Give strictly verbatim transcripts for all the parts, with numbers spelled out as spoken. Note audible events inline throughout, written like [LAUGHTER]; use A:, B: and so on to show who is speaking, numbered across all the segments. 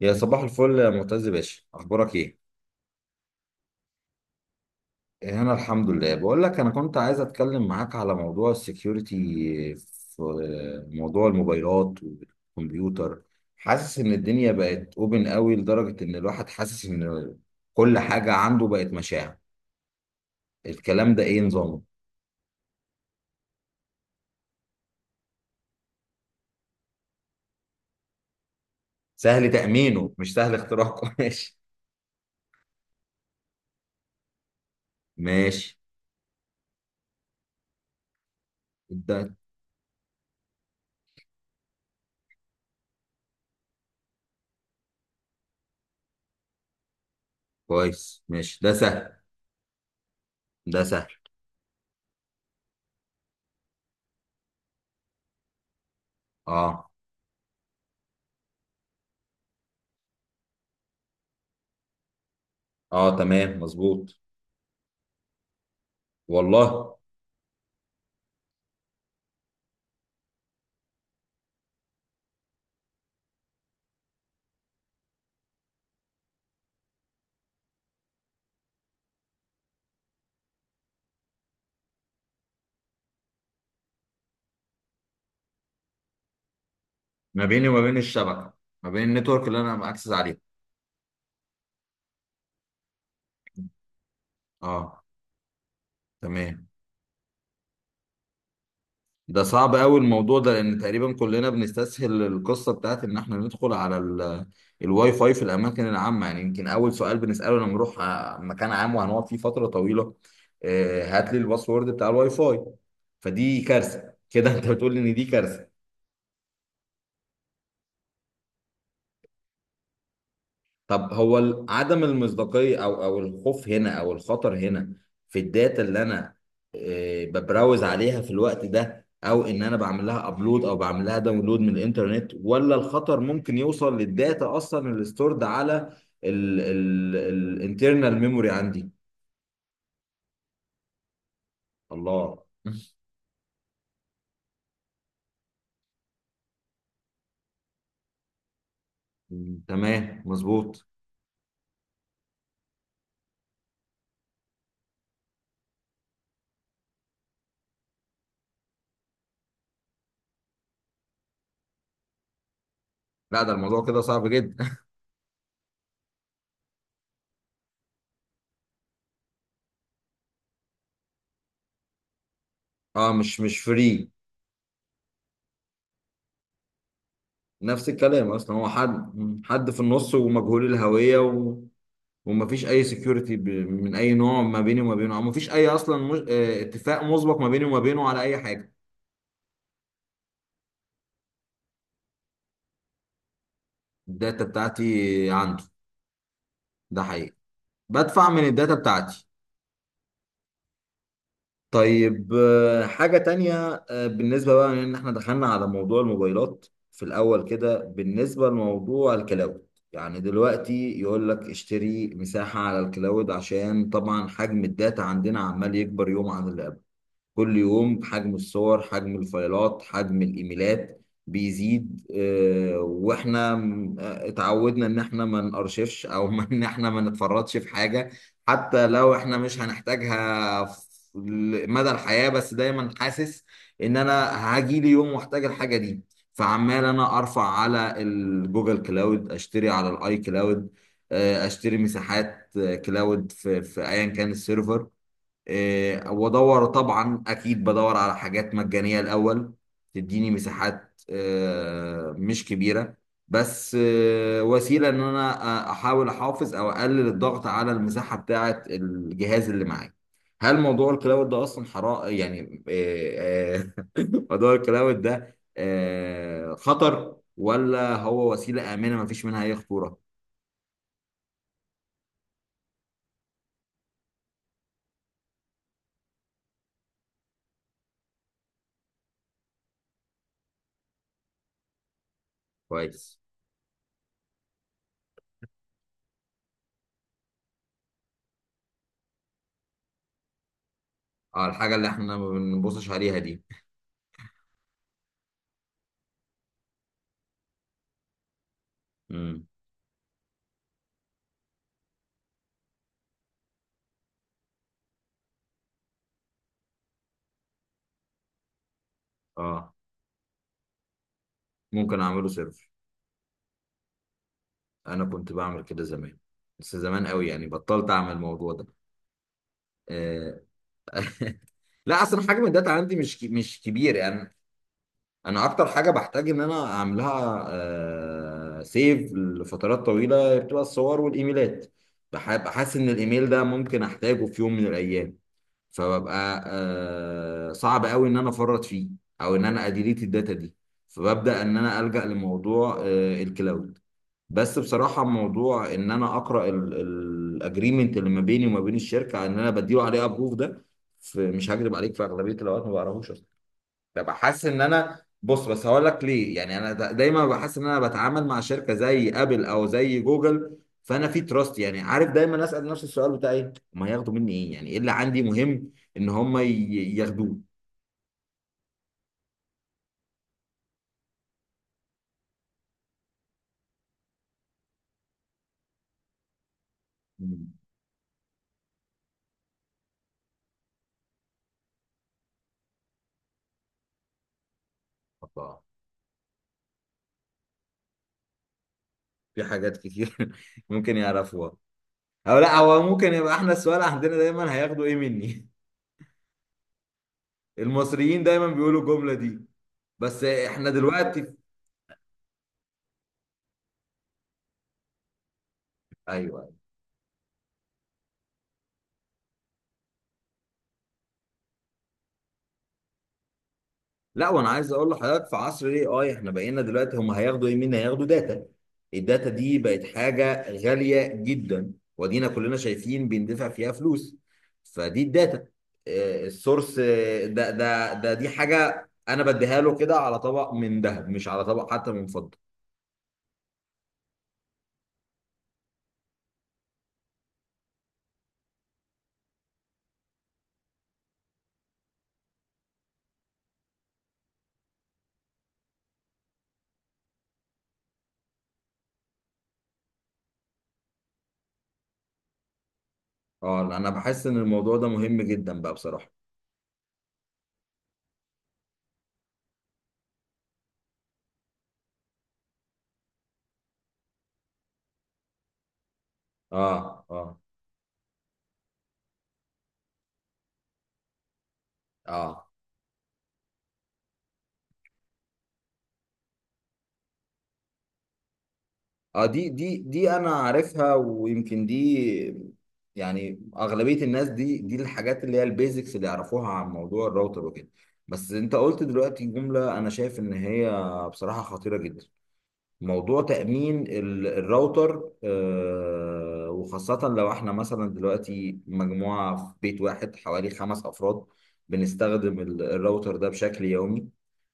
A: يا صباح الفل يا معتز باشا، اخبارك ايه؟ هنا الحمد لله. بقول لك انا كنت عايز اتكلم معاك على موضوع السكيورتي في موضوع الموبايلات والكمبيوتر. حاسس ان الدنيا بقت اوبن قوي لدرجة ان الواحد حاسس ان كل حاجة عنده بقت مشاع. الكلام ده ايه نظامه؟ سهل تأمينه مش سهل اختراقه [LAUGHS] ماشي. ماشي. ده كويس، ماشي، ده سهل، ده سهل. اه، اه، تمام مظبوط. والله. ما بيني وما بين الشبكه، ما بين النتورك اللي انا اكسس عليها. اه، تمام. ده صعب قوي الموضوع ده لان تقريبا كلنا بنستسهل القصه بتاعت ان احنا ندخل على ال- الواي فاي في الاماكن العامه. يعني يمكن اول سؤال بنساله لما نروح آه، مكان عام وهنقعد فيه فتره طويله: آه، هات لي الباسورد بتاع الواي فاي. فدي كارثه كده. [LAUGHS] انت بتقول ان دي كارثه؟ طب هو ال- عدم المصداقية او او الخوف هنا او الخطر هنا في الداتا اللي انا آه، ببراوز عليها في الوقت ده، او ان انا بعمل لها ابلود او بعمل لها داونلود من الانترنت؟ ولا الخطر ممكن يوصل للداتا اصلا اللي ستورد على الانترنال ميموري عندي؟ الله. مم، تمام مظبوط. لا ده الموضوع كده صعب جدا. [LAUGHS] اه، مش مش فري. نفس الكلام اصلا. هو حد مم، حد في النص ومجهول الهوية و... ومفيش اي سكيورتي من اي نوع ما بيني وما بينه. او مفيش اي اصلا مج... آه، اتفاق مسبق ما بيني وما بينه على اي حاجه. الداتا بتاعتي عنده. ده حقيقي. بدفع من الداتا بتاعتي. طيب، آه، حاجه تانية. آه، بالنسبه بقى ان احنا دخلنا على موضوع الموبايلات في الاول كده، بالنسبه لموضوع الكلاود. يعني دلوقتي يقول لك اشتري مساحه على الكلاود، عشان طبعا حجم الداتا عندنا عمال يكبر يوم عن اللي قبله. كل يوم حجم الصور، حجم الفايلات، حجم الايميلات بيزيد. آه، واحنا م- آه، اتعودنا ان احنا ما نارشفش او [LAUGHS] ما- ان احنا ما نتفرطش في حاجه، حتى لو احنا مش هنحتاجها في مدى الحياه. بس دايما حاسس ان انا هاجي لي يوم واحتاج الحاجه دي. فعمال انا ارفع على الجوجل كلاود، اشتري على الاي كلاود، آه، اشتري مساحات، آه، كلاود في في ايا كان السيرفر. آه، وادور طبعا اكيد بدور على حاجات مجانيه الاول، تديني مساحات آه، مش كبيره، بس آه، وسيله ان انا أ- احاول احافظ او اقلل الضغط على المساحه بتاعه الجهاز اللي معايا. هل موضوع الكلاود ده اصلا حرام يعني؟ آه، آه، [LAUGHS] موضوع الكلاود ده آه، خطر، ولا هو وسيله امنه مفيش منها اي خطوره؟ كويس. اه، الحاجه اللي احنا ما بنبصش عليها دي. امم. اه، ممكن اعمله سيرفر. انا كنت بعمل كده زمان، بس زمان قوي يعني، بطلت اعمل الموضوع ده. آه، [LAUGHS] لا اصلا حجم الداتا عندي مش كي- مش كبير يعني. انا اكتر حاجه بحتاج ان انا اعملها آه، سيف لفترات طويله بتبقى الصور والايميلات. بح- بحس ان الايميل ده ممكن احتاجه في يوم من الايام، فببقى آه، صعب قوي ان انا افرط فيه، او ان انا اديليت الداتا دي. فببدا ان انا الجا لموضوع آه، الكلاود. بس بصراحة موضوع ان انا اقرأ الاجريمنت اللي ما بيني وما بين الشركة ان انا بديله عليه ابروف ده، ف- مش هكذب عليك، في اغلبية الاوقات ما بقراهوش اصلا. ببقى حاسس ان انا بص. بس هقول لك ليه. يعني انا دا- دايما ببقى حاسس ان انا بتعامل مع شركة زي ابل او زي جوجل، فانا في تراست. يعني عارف، دايما اسأل نفسي السؤال بتاع ايه هم هياخدوا مني؟ ايه، يعني ايه اللي عندي مهم ان هم ي- ياخدوه؟ مم. الله. في حاجات كتير [LAUGHS] ممكن يعرفوها. او لا، هو ممكن يبقى احنا السؤال عندنا دايما هياخدوا ايه مني. المصريين دايما بيقولوا الجمله دي. بس احنا دلوقتي في... ايوه. لا، وانا عايز اقول لحضرتك في عصر الاي اي احنا بقينا دلوقتي هم هياخدوا ايه منا؟ هياخدوا داتا. الداتا دي بقت حاجه غاليه جدا، ودينا كلنا شايفين بندفع فيها فلوس. فدي الداتا، آه، السورس، آه، ده ده ده دي حاجه انا بديها له كده على طبق من ذهب، مش على طبق حتى من فضه. اه، انا بحس ان الموضوع ده مهم جدا بقى بصراحه. اه، اه، اه، اه، دي دي دي انا عارفها، ويمكن دي. يعني اغلبيه الناس دي دي الحاجات اللي هي البيزكس اللي يعرفوها عن موضوع الراوتر وكده. بس انت قلت دلوقتي جمله انا شايف ان هي بصراحه خطيره جدا. موضوع تأمين ال- الراوتر، آه، وخاصة لو احنا مثلا دلوقتي مجموعة في بيت واحد حوالي خمس أفراد بنستخدم ال- الراوتر ده بشكل يومي،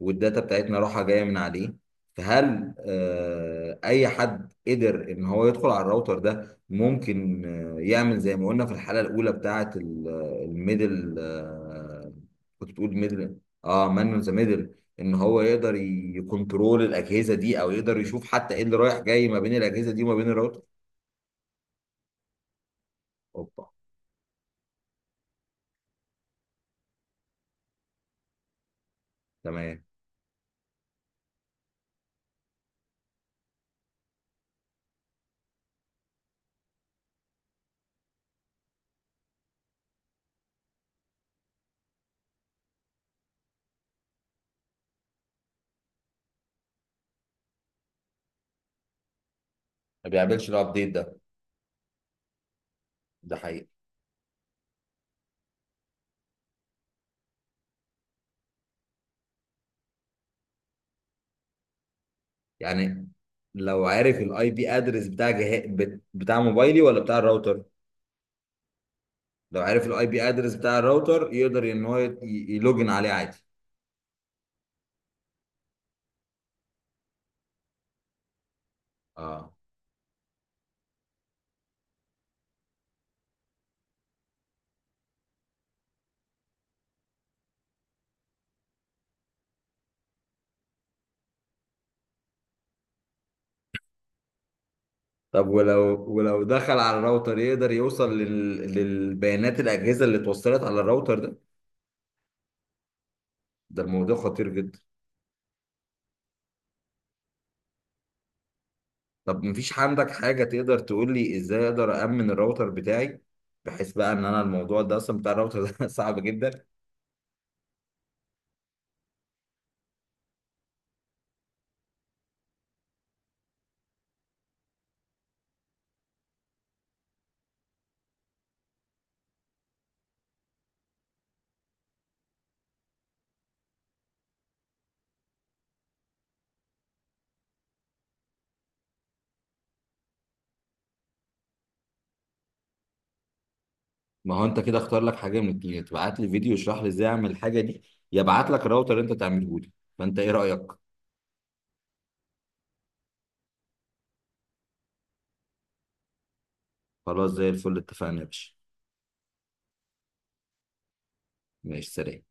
A: والداتا بتاعتنا رايحة جاية من عليه. فهل آه، أي حد قدر إن هو يدخل على الراوتر ده ممكن آه، يعمل زي ما قلنا في الحلقة الأولى بتاعة الميدل؟ كنت بتقول ميدل. اه، مان ذا ميدل. ان هو يقدر يكنترول الاجهزه دي، او يقدر يشوف حتى ايه اللي رايح جاي ما بين الاجهزه دي وما بين الراوتر. اوبا. تمام. ما بيعملش الابديت ده. ده حقيقي. يعني لو عارف الاي بي ادرس بتاع جه... بت- بتاع موبايلي ولا بتاع الراوتر؟ لو عارف الاي بي ادرس بتاع الراوتر يقدر ان هو ي- يلوجن عليه عادي. اه. طب ولو ولو دخل على الراوتر يقدر يوصل لل... للبيانات الاجهزه اللي اتوصلت على الراوتر ده؟ ده الموضوع خطير جدا. طب مفيش عندك حاجة تقدر تقول لي ازاي اقدر أأمن الراوتر بتاعي، بحيث بقى ان انا الموضوع ده اصلا بتاع الراوتر ده [LAUGHS] صعب جدا؟ ما هو انت كده اختار لك حاجة من الاتنين: تبعت لي فيديو يشرح لي ازاي اعمل الحاجة دي، يا ابعت لك الراوتر اللي انت تعمله لي. فانت ايه رأيك؟ خلاص، زي الفل، اتفقنا يا باشا. ماشي، سلام.